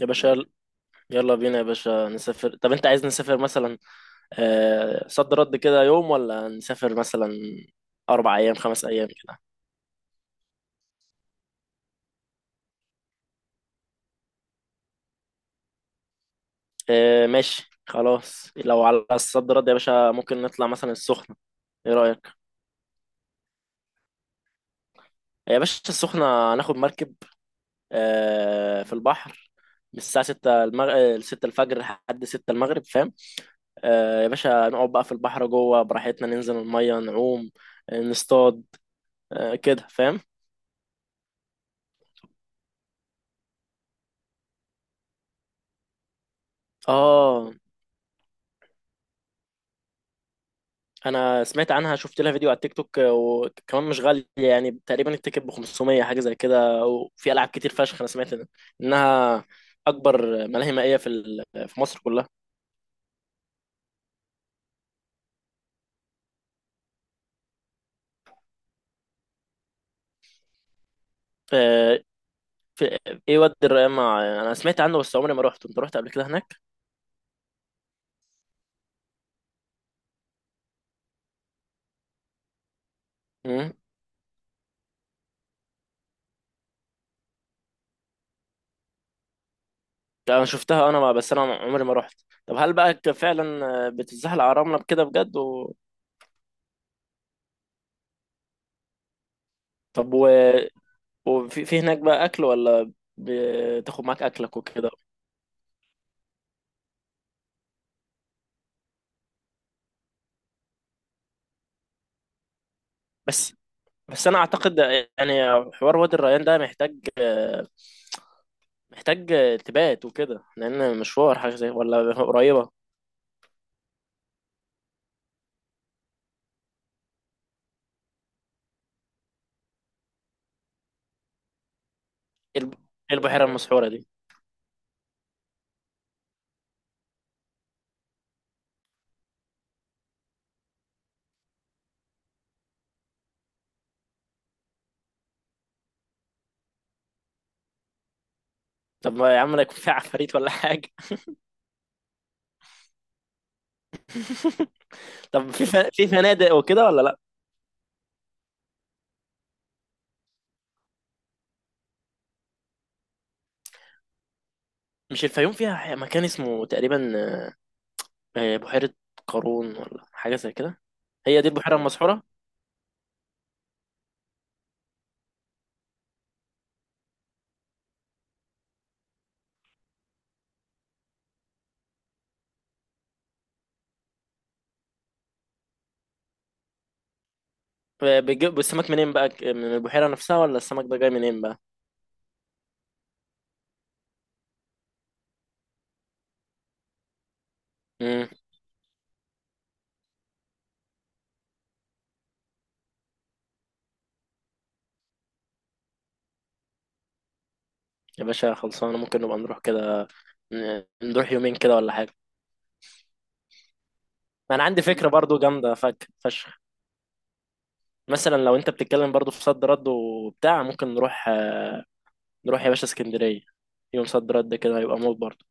يا باشا يلا يلا بينا يا باشا نسافر. طب انت عايز نسافر مثلا صد رد كده يوم، ولا نسافر مثلا 4 ايام 5 ايام كده؟ ماشي خلاص، لو على الصد رد يا باشا ممكن نطلع مثلا السخنة. ايه رأيك؟ يا باشا السخنة هناخد مركب، في البحر، من الساعة 6 6 الفجر لحد 6 المغرب فاهم. يا باشا نقعد بقى في البحر جوه براحتنا، ننزل المية نعوم، نصطاد، كده فاهم. اه، انا سمعت عنها، شفت لها فيديو على التيك توك، وكمان مش غاليه يعني. تقريبا التيكت ب 500 حاجه زي كده، وفي العاب كتير فشخ. انا سمعت انها اكبر ملاهي مائيه في في مصر كلها. آه، في ايه وادي الريان؟ مع انا سمعت عنه، بس عمري ما رحت. انت رحت قبل كده هناك؟ امم. انا شفتها انا، بس انا عمري ما رحت. طب هل بقى فعلا بتتزحلق على الرمله بكده بجد طب وفي في هناك بقى اكل، ولا بتاخد معاك اكلك وكده؟ بس بس انا اعتقد، يعني حوار وادي الريان ده محتاج محتاج تبات وكده، لان مشوار حاجه زي ولا قريبه. ايه إيه البحيره المسحوره دي؟ طب ما يا عم لا يكون فيها عفاريت ولا حاجه. طب في في فنادق وكده ولا لا؟ مش الفيوم فيها مكان اسمه تقريبا بحيره قارون، ولا حاجه زي كده؟ هي دي البحيره المسحوره؟ بيجيب السمك منين بقى، من البحيره نفسها، ولا السمك ده جاي منين بقى؟ امم. يا باشا خلصانه، ممكن نبقى نروح كده، نروح يومين كده ولا حاجه. ما انا عندي فكره برضو جامده فك فشخ. مثلا لو انت بتتكلم برضو في صد رد وبتاع، ممكن نروح نروح يا باشا اسكندريه. يوم صد رد كده هيبقى موت برضو.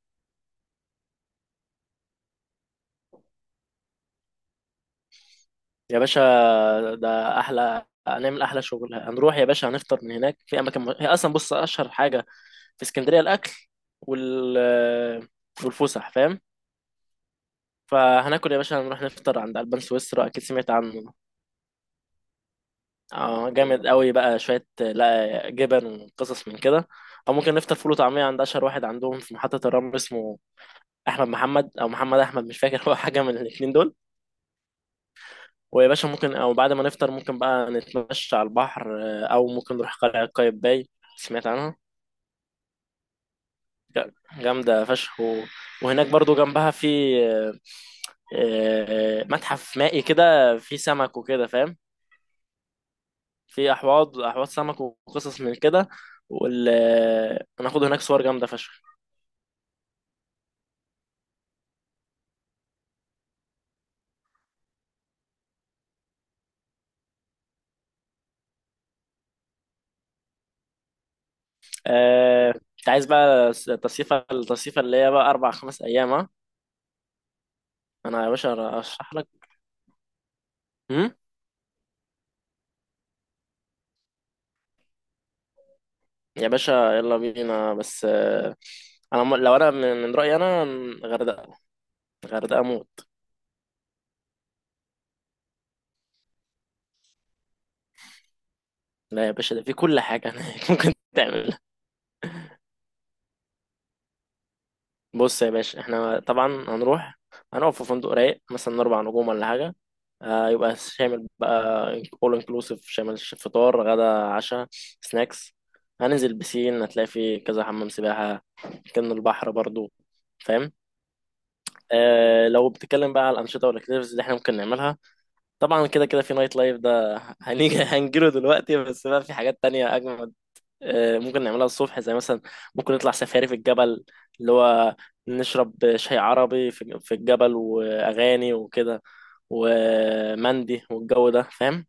يا باشا ده احلى، هنعمل احلى شغل. هنروح يا باشا هنفطر من هناك في اماكن هي اصلا بص اشهر حاجه في اسكندريه الاكل وال والفسح فاهم. فهناكل يا باشا، هنروح نفطر عند البان سويسرا، اكيد سمعت عنه. اه، جامد قوي بقى، شويه لا جبن وقصص من كده. او ممكن نفطر فول وطعميه عند اشهر واحد عندهم في محطه الرمل، اسمه احمد محمد او محمد احمد، مش فاكر. هو حاجه من الاثنين دول. ويا باشا ممكن، او بعد ما نفطر ممكن بقى نتمشى على البحر، او ممكن نروح قلعه قايتباي، سمعت عنها، جامده فشخ وهناك برضو جنبها في آه، متحف مائي كده، فيه سمك وكده فاهم، في احواض احواض سمك وقصص من كده. هناخد هناك صور جامده فشخ. انت عايز بقى التصيفة التصيفة اللي هي بقى 4 5 أيام، ها؟ أنا يا باشا أشرح لك. هم؟ يا باشا يلا بينا. بس أنا لو أنا من من رأيي أنا غردقة. غردقة موت. لا يا باشا ده في كل حاجة هناك. ممكن. بص يا باشا احنا طبعا هنروح، هنقف في فندق رايق مثلا 4 نجوم ولا حاجه. آه، يبقى شامل بقى، اول انكلوسيف، شامل فطار غدا عشاء، سناكس. هننزل بسين، هتلاقي فيه كذا حمام سباحه، كان البحر برضو فاهم. آه، لو بتتكلم بقى على الانشطه والاكتيفيتيز اللي احنا ممكن نعملها، طبعا كده كده في نايت لايف، ده هنيجي، هنجيله دلوقتي. بس بقى في حاجات تانية اجمل ممكن نعملها الصبح زي مثلا، ممكن نطلع سفاري في الجبل، اللي هو نشرب شاي عربي في في الجبل، وأغاني وكده، ومندي والجو ده فاهم.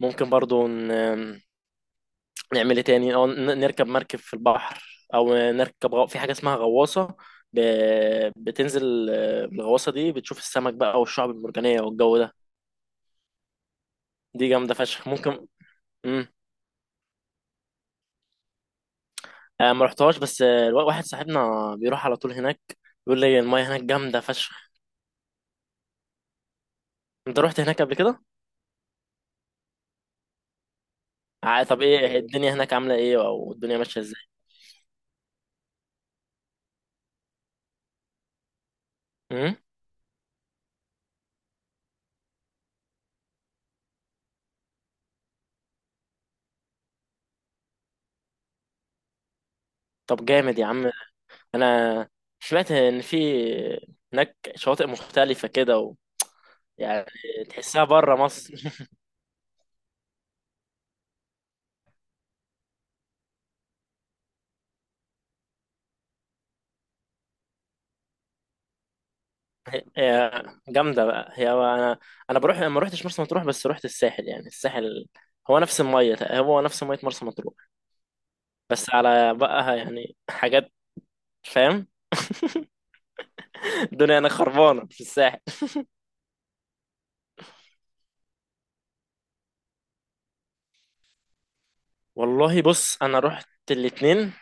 ممكن برضو نعمل ايه تاني، أو نركب مركب في البحر، أو نركب في حاجة اسمها غواصة. ب... بتنزل الغواصة دي، بتشوف السمك بقى والشعب المرجانية والجو ده. دي جامدة فشخ، ممكن. مم. ما رحتهاش، بس واحد صاحبنا بيروح على طول هناك، بيقول لي المايه هناك جامدة فشخ. انت رحت هناك قبل كده؟ طب ايه الدنيا هناك عاملة ايه، او الدنيا ماشية ازاي؟ امم. طب جامد يا عم، انا سمعت ان في هناك شواطئ مختلفة كده يعني تحسها بره مصر. هي جامدة بقى. هي انا بروح ما روحتش مرسى مطروح، بس روحت الساحل. يعني الساحل هو نفس المية، هو نفس مية مرسى مطروح، بس على بقى يعني حاجات فاهم. الدنيا انا خربانة في الساحل. والله بص انا رحت الاتنين.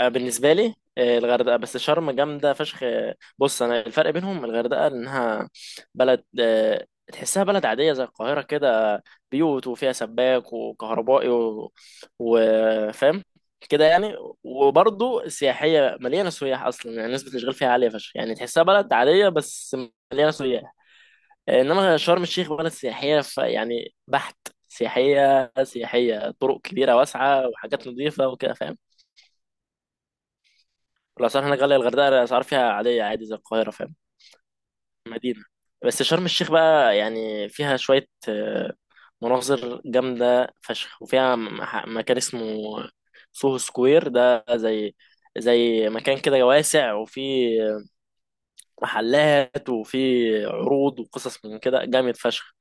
بالنسبه لي الغردقه، بس شرم جامده فشخ. بص انا الفرق بينهم، الغردقه انها بلد، تحسها بلد عاديه زي القاهره كده، بيوت وفيها سباك وكهربائي وفاهم كده يعني. وبرضه سياحيه، مليانه سياح اصلا، يعني نسبه الاشغال فيها عاليه فشخ، يعني تحسها بلد عاديه بس مليانه سياح. انما شرم الشيخ بلد سياحيه يعني بحت، سياحيه سياحيه، طرق كبيره واسعه وحاجات نظيفه وكده فاهم. الأسعار هناك غالية، الغردقة الأسعار فيها عادية، عادي زي القاهرة فاهم. مدينة، بس شرم الشيخ بقى يعني فيها شوية مناظر جامدة فشخ، وفيها مكان اسمه سوهو سكوير، ده زي مكان كده واسع، وفيه محلات وفيه عروض وقصص من كده، جامد فشخ.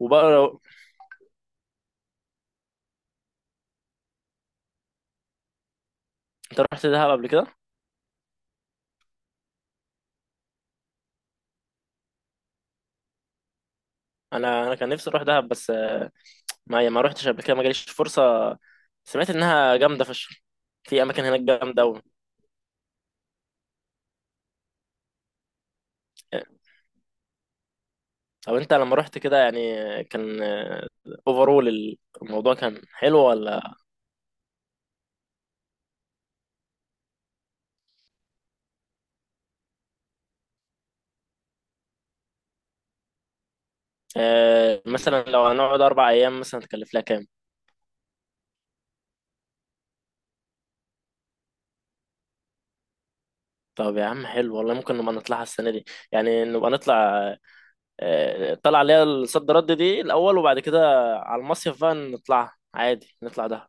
وبقى لو انت رحت دهب قبل كده، انا كان نفسي اروح دهب، بس ما ما روحتش قبل كده، ما جاليش فرصة. سمعت انها جامدة فشخ، في اماكن هناك جامدة قوي. طب انت لما رحت كده يعني كان اوفرول الموضوع كان حلو ولا؟ مثلا لو هنقعد 4 ايام مثلا تكلف لها كام؟ طب يا عم حلو والله، ممكن نبقى نطلعها السنه دي، يعني نبقى نطلع طلع اللي هي الصد رد دي الاول، وبعد كده على المصيف بقى نطلعها عادي نطلع ده.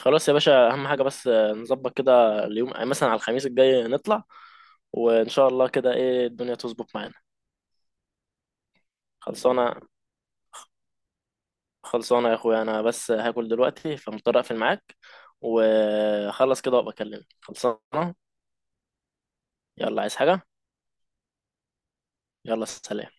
خلاص يا باشا، اهم حاجه بس نظبط كده اليوم مثلا على الخميس الجاي نطلع، وان شاء الله كده ايه الدنيا تظبط معانا. خلصانه. خلصانة يا اخويا، انا بس هاكل دلوقتي فمضطر اقفل معاك، وخلص كده وابقى اكلمك. خلصانة. يلا عايز حاجة؟ يلا سلام.